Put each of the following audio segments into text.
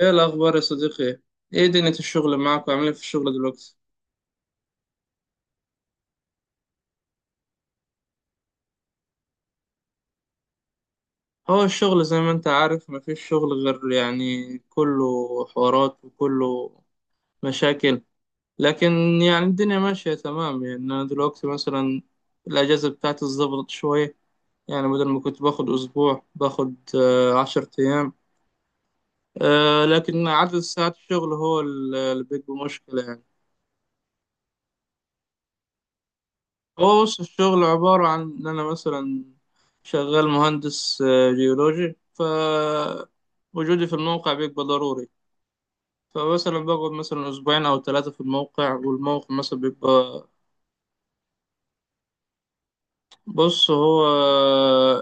ايه الاخبار يا صديقي؟ ايه دنيا الشغل معاك، وعامل ايه في الشغل دلوقتي؟ هو الشغل زي ما انت عارف مفيش شغل غير كله حوارات وكله مشاكل، لكن الدنيا ماشية تمام. يعني انا دلوقتي مثلا الاجازة بتاعتي اتظبطت شوية، يعني بدل ما كنت باخد اسبوع باخد 10 ايام. لكن عدد ساعات الشغل هو اللي بيبقى مشكلة يعني. هو بص، الشغل عبارة عن إن أنا مثلا شغال مهندس جيولوجي، فوجودي في الموقع بيبقى ضروري. فمثلا بقعد مثلا أسبوعين أو ثلاثة في الموقع، والموقع مثلا بيبقى. بص، هو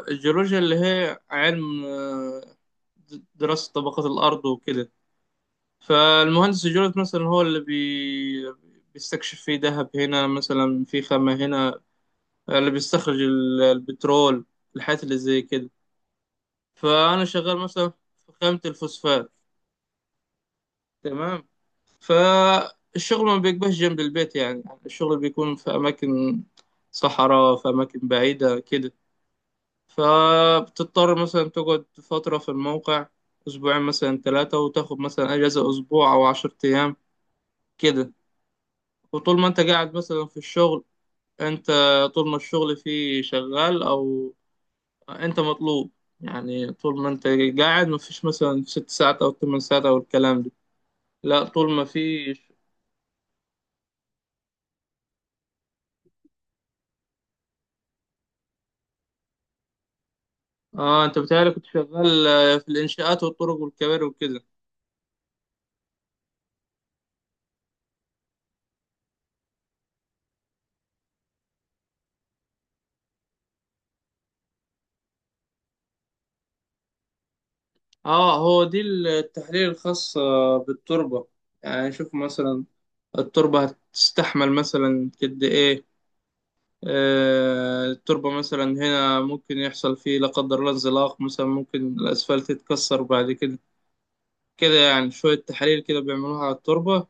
الجيولوجيا اللي هي علم دراسة طبقات الأرض وكده. فالمهندس الجيولوجي مثلا هو اللي بيستكشف فيه ذهب هنا، مثلا في خامة هنا، اللي بيستخرج البترول، الحاجات اللي زي كده. فانا شغال مثلا في خامة الفوسفات. تمام. فالشغل ما بيبقاش جنب البيت، يعني الشغل بيكون في اماكن صحراء، في اماكن بعيدة كده. فبتضطر مثلا تقعد فترة في الموقع، اسبوعين مثلا ثلاثة، وتاخد مثلا اجازة اسبوع او 10 ايام كده. وطول ما انت قاعد مثلا في الشغل، انت طول ما الشغل فيه شغال، او انت مطلوب، يعني طول ما انت قاعد مفيش مثلا 6 ساعات او 8 ساعات او الكلام ده، لا طول ما فيش. اه، انت بتهيألي كنت شغال في الانشاءات والطرق والكباري وكده. اه، هو دي التحليل الخاص بالتربة. يعني شوف مثلا التربة هتستحمل مثلا قد ايه، آه التربة مثلا هنا ممكن يحصل فيه لا قدر الله انزلاق، مثلا ممكن الاسفلت يتكسر بعد كده كده. يعني شوية تحاليل كده بيعملوها على التربة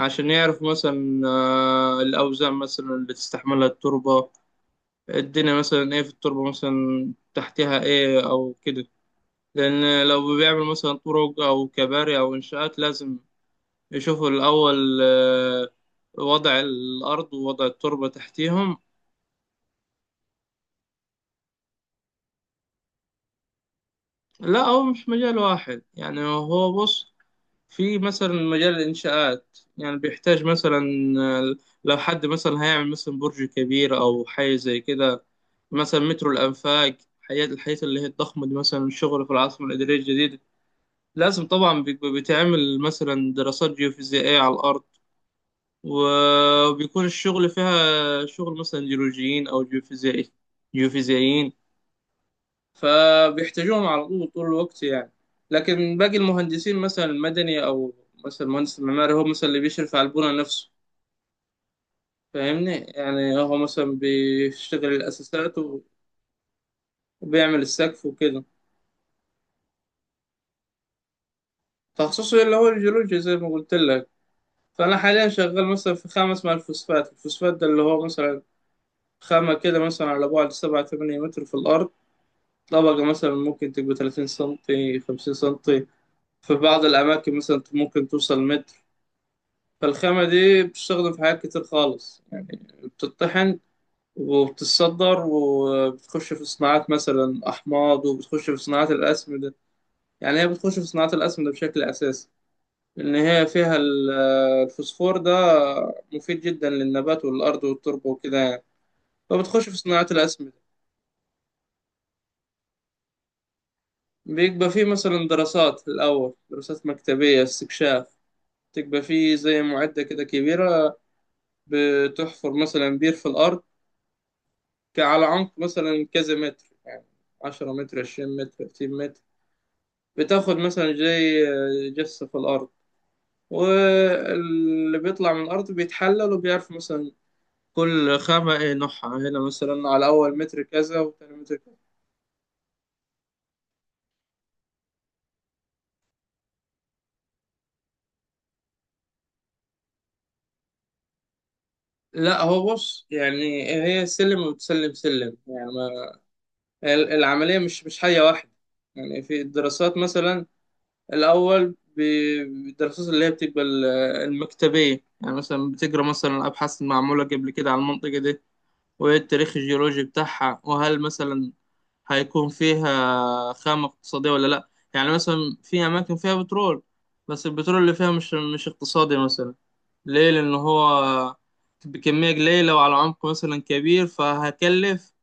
عشان يعرفوا مثلا آه الأوزان مثلا اللي تستحملها التربة، الدنيا مثلا ايه في التربة، مثلا تحتها ايه او كده. لان لو بيعمل مثلا طرق او كباري او انشاءات، لازم يشوفوا الاول وضع الارض ووضع التربة تحتيهم. لا، هو مش مجال واحد يعني. هو بص، في مثلا مجال الانشاءات يعني بيحتاج مثلا آه، لو حد مثلا هيعمل مثلا برج كبير او حاجة زي كده، مثلا مترو الانفاق، الحاجات اللي هي الضخمة دي، مثلا الشغل في العاصمة الإدارية الجديدة، لازم طبعا بيبقى بيتعمل مثلا دراسات جيوفيزيائية على الأرض، وبيكون الشغل فيها شغل مثلا جيولوجيين أو جيوفيزيائيين، فبيحتاجوهم على طول طول الوقت يعني. لكن باقي المهندسين مثلا المدني، أو مثلا المهندس المعماري هو مثلا اللي بيشرف على البنى نفسه، فاهمني؟ يعني هو مثلا بيشتغل الأساسات وبيعمل السقف وكده. تخصصه اللي هو الجيولوجيا زي ما قلت لك. فأنا حاليا شغال مثلا في خامة اسمها الفوسفات. الفوسفات ده اللي هو مثلا خامة كده مثلا على بعد 7 8 متر في الأرض، طبقة مثلا ممكن تبقى 30 سنتي 50 سنتي، في بعض الأماكن مثلا ممكن توصل متر. فالخامة دي بتستخدم في حاجات كتير خالص يعني، بتطحن وبتتصدر، وبتخش في صناعات مثلا أحماض، وبتخش في صناعات الأسمدة. يعني هي بتخش في صناعات الأسمدة بشكل أساسي، لأن هي فيها الفوسفور ده مفيد جدا للنبات والأرض والتربة وكده يعني، فبتخش في صناعات الأسمدة. بيبقى فيه مثلا دراسات، الأول دراسات مكتبية، استكشاف، تبقى فيه زي معدة كده كبيرة بتحفر مثلا بير في الأرض، على عمق مثلا كذا متر يعني، 10 متر 20 متر 30 متر، بتاخد مثلا زي جثة في الأرض، واللي بيطلع من الأرض بيتحلل، وبيعرف مثلا كل خامة ايه نوعها هنا، مثلا على أول متر كذا وتاني متر كذا. لا، هو بص، يعني هي سلم وتسلم سلم يعني، العملية مش حاجة واحدة. يعني في الدراسات مثلا الأول بالدراسات اللي هي بتبقى المكتبية، يعني مثلا بتقرا مثلا أبحاث معمولة قبل كده على المنطقة دي، وإيه التاريخ الجيولوجي بتاعها، وهل مثلا هيكون فيها خامة اقتصادية ولا لأ. يعني مثلا في أماكن فيها بترول، بس البترول اللي فيها مش اقتصادي مثلا، ليه؟ لأن هو بكمية قليلة وعلى عمق مثلا كبير، فهكلف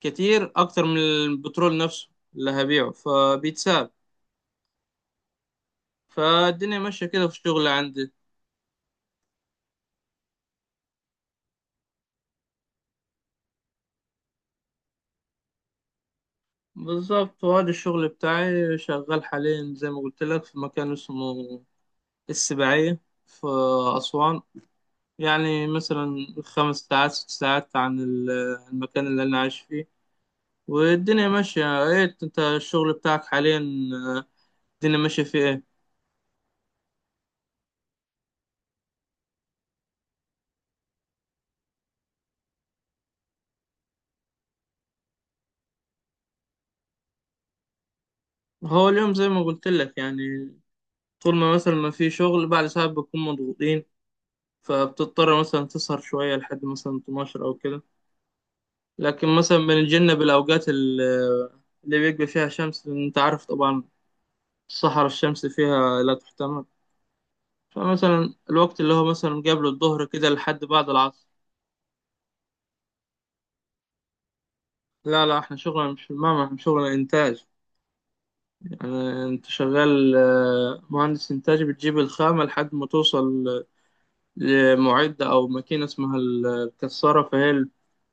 كتير أكتر من البترول نفسه اللي هبيعه، فبيتساب. فالدنيا ماشية كده في الشغل عندي. بالظبط، وهذا الشغل بتاعي شغال حاليا زي ما قلت لك في مكان اسمه السباعية في أسوان، يعني مثلا 5 ساعات 6 ساعات عن المكان اللي أنا عايش فيه. والدنيا ماشية. إيه أنت الشغل بتاعك حاليا، آه، الدنيا ماشية فيه إيه؟ هو اليوم زي ما قلت لك يعني، طول ما مثلا ما في شغل بعد ساعات بنكون مضغوطين، فبتضطر مثلا تسهر شوية لحد مثلا 12 أو كده. لكن مثلا بنتجنب الأوقات اللي بيبقى فيها شمس، لأن أنت عارف طبعا الصحراء الشمس فيها لا تحتمل، فمثلا الوقت اللي هو مثلا قبل الظهر كده لحد بعد العصر. لا لا، احنا شغلنا مش في المعمل، احنا شغلنا إنتاج. يعني أنت شغال مهندس إنتاج، بتجيب الخامة لحد ما توصل لمعدة أو ماكينة اسمها الكسارة، فهي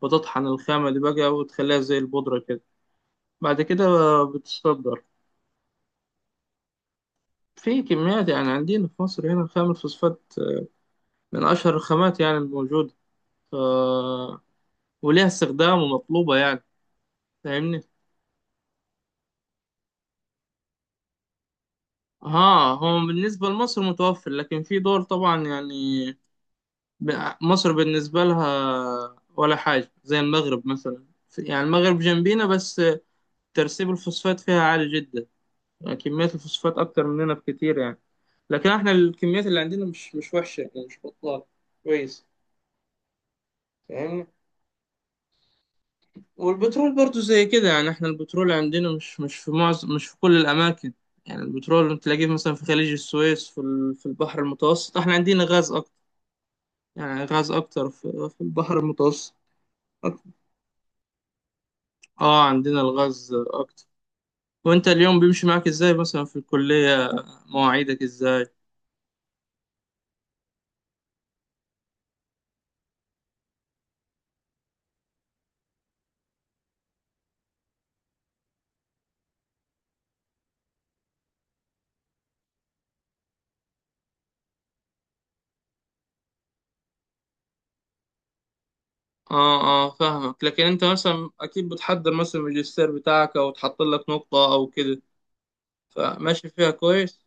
بتطحن الخامة دي بقى وتخليها زي البودرة كده. بعد كده بتصدر في كميات. يعني عندنا في مصر هنا خام الفوسفات من أشهر الخامات يعني الموجودة، ف... وليها استخدام ومطلوبة يعني، فاهمني؟ ها، هو بالنسبة لمصر متوفر، لكن في دول طبعا يعني مصر بالنسبة لها ولا حاجة، زي المغرب مثلا، يعني المغرب جنبينا بس، ترسيب الفوسفات فيها عالي جدا، يعني كميات الفوسفات أكتر مننا بكتير يعني. لكن احنا الكميات اللي عندنا مش وحشة، يعني مش بطالة، كويس، فاهمني؟ والبترول برضو زي كده يعني، احنا البترول عندنا مش، مش في معظم مش في كل الأماكن. يعني البترول تلاقيه مثلا في خليج السويس، في في البحر المتوسط احنا عندنا غاز أكتر. يعني غاز أكتر في البحر المتوسط أكتر. اه، عندنا الغاز أكتر. وانت اليوم بيمشي معاك ازاي مثلا في الكلية، مواعيدك ازاي؟ اه، اه، فاهمك. لكن انت مثلا اكيد بتحضر مثلا الماجستير بتاعك، او تحط لك نقطة او كده، فماشي فيها كويس.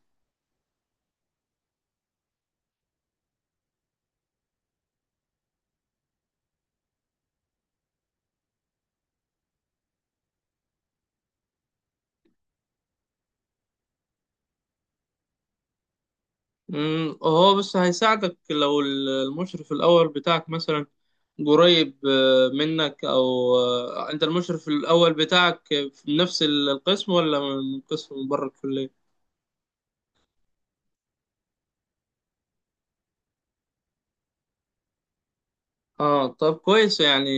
امم، هو بس هيساعدك لو المشرف الأول بتاعك مثلا قريب منك. أو أنت المشرف الأول بتاعك في نفس القسم، ولا من قسم من بره الكلية؟ اه، طب كويس يعني،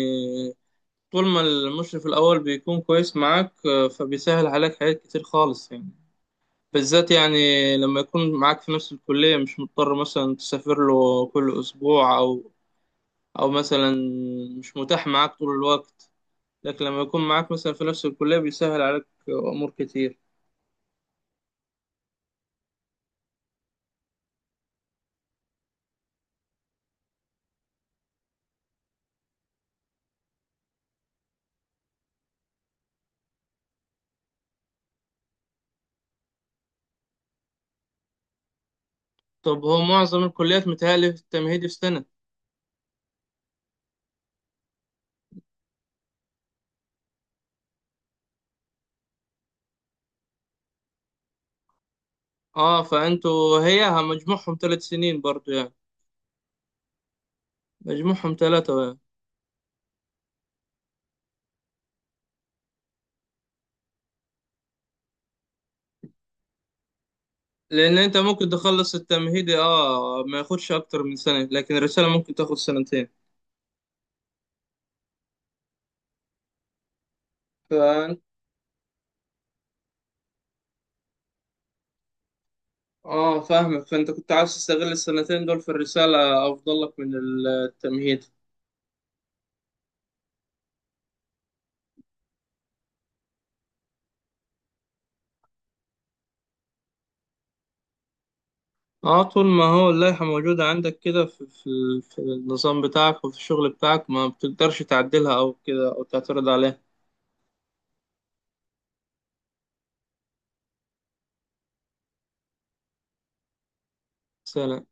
طول ما المشرف الأول بيكون كويس معاك فبيسهل عليك حاجات كتير خالص يعني، بالذات يعني لما يكون معاك في نفس الكلية، مش مضطر مثلا تسافر له كل أسبوع، أو أو مثلا مش متاح معاك طول الوقت. لكن لما يكون معاك مثلا في نفس الكلية بيسهل عليك أمور كتير. طب هو معظم الكليات متهيألي في التمهيدي في سنة. اه، فانتوا هي مجموعهم 3 سنين برضو يعني، مجموعهم ثلاثة يعني. لأن أنت ممكن تخلص التمهيدي، اه، ما ياخدش أكتر من سنة، لكن الرسالة ممكن تاخد سنتين. فأنت، اه فاهمك، فأنت كنت عاوز تستغل السنتين دول في الرسالة أفضل لك من التمهيد. اه، طول ما هو اللائحة موجودة عندك كده في النظام بتاعك وفي الشغل بتاعك، ما بتقدرش تعدلها أو كده أو تعترض عليها. سلام.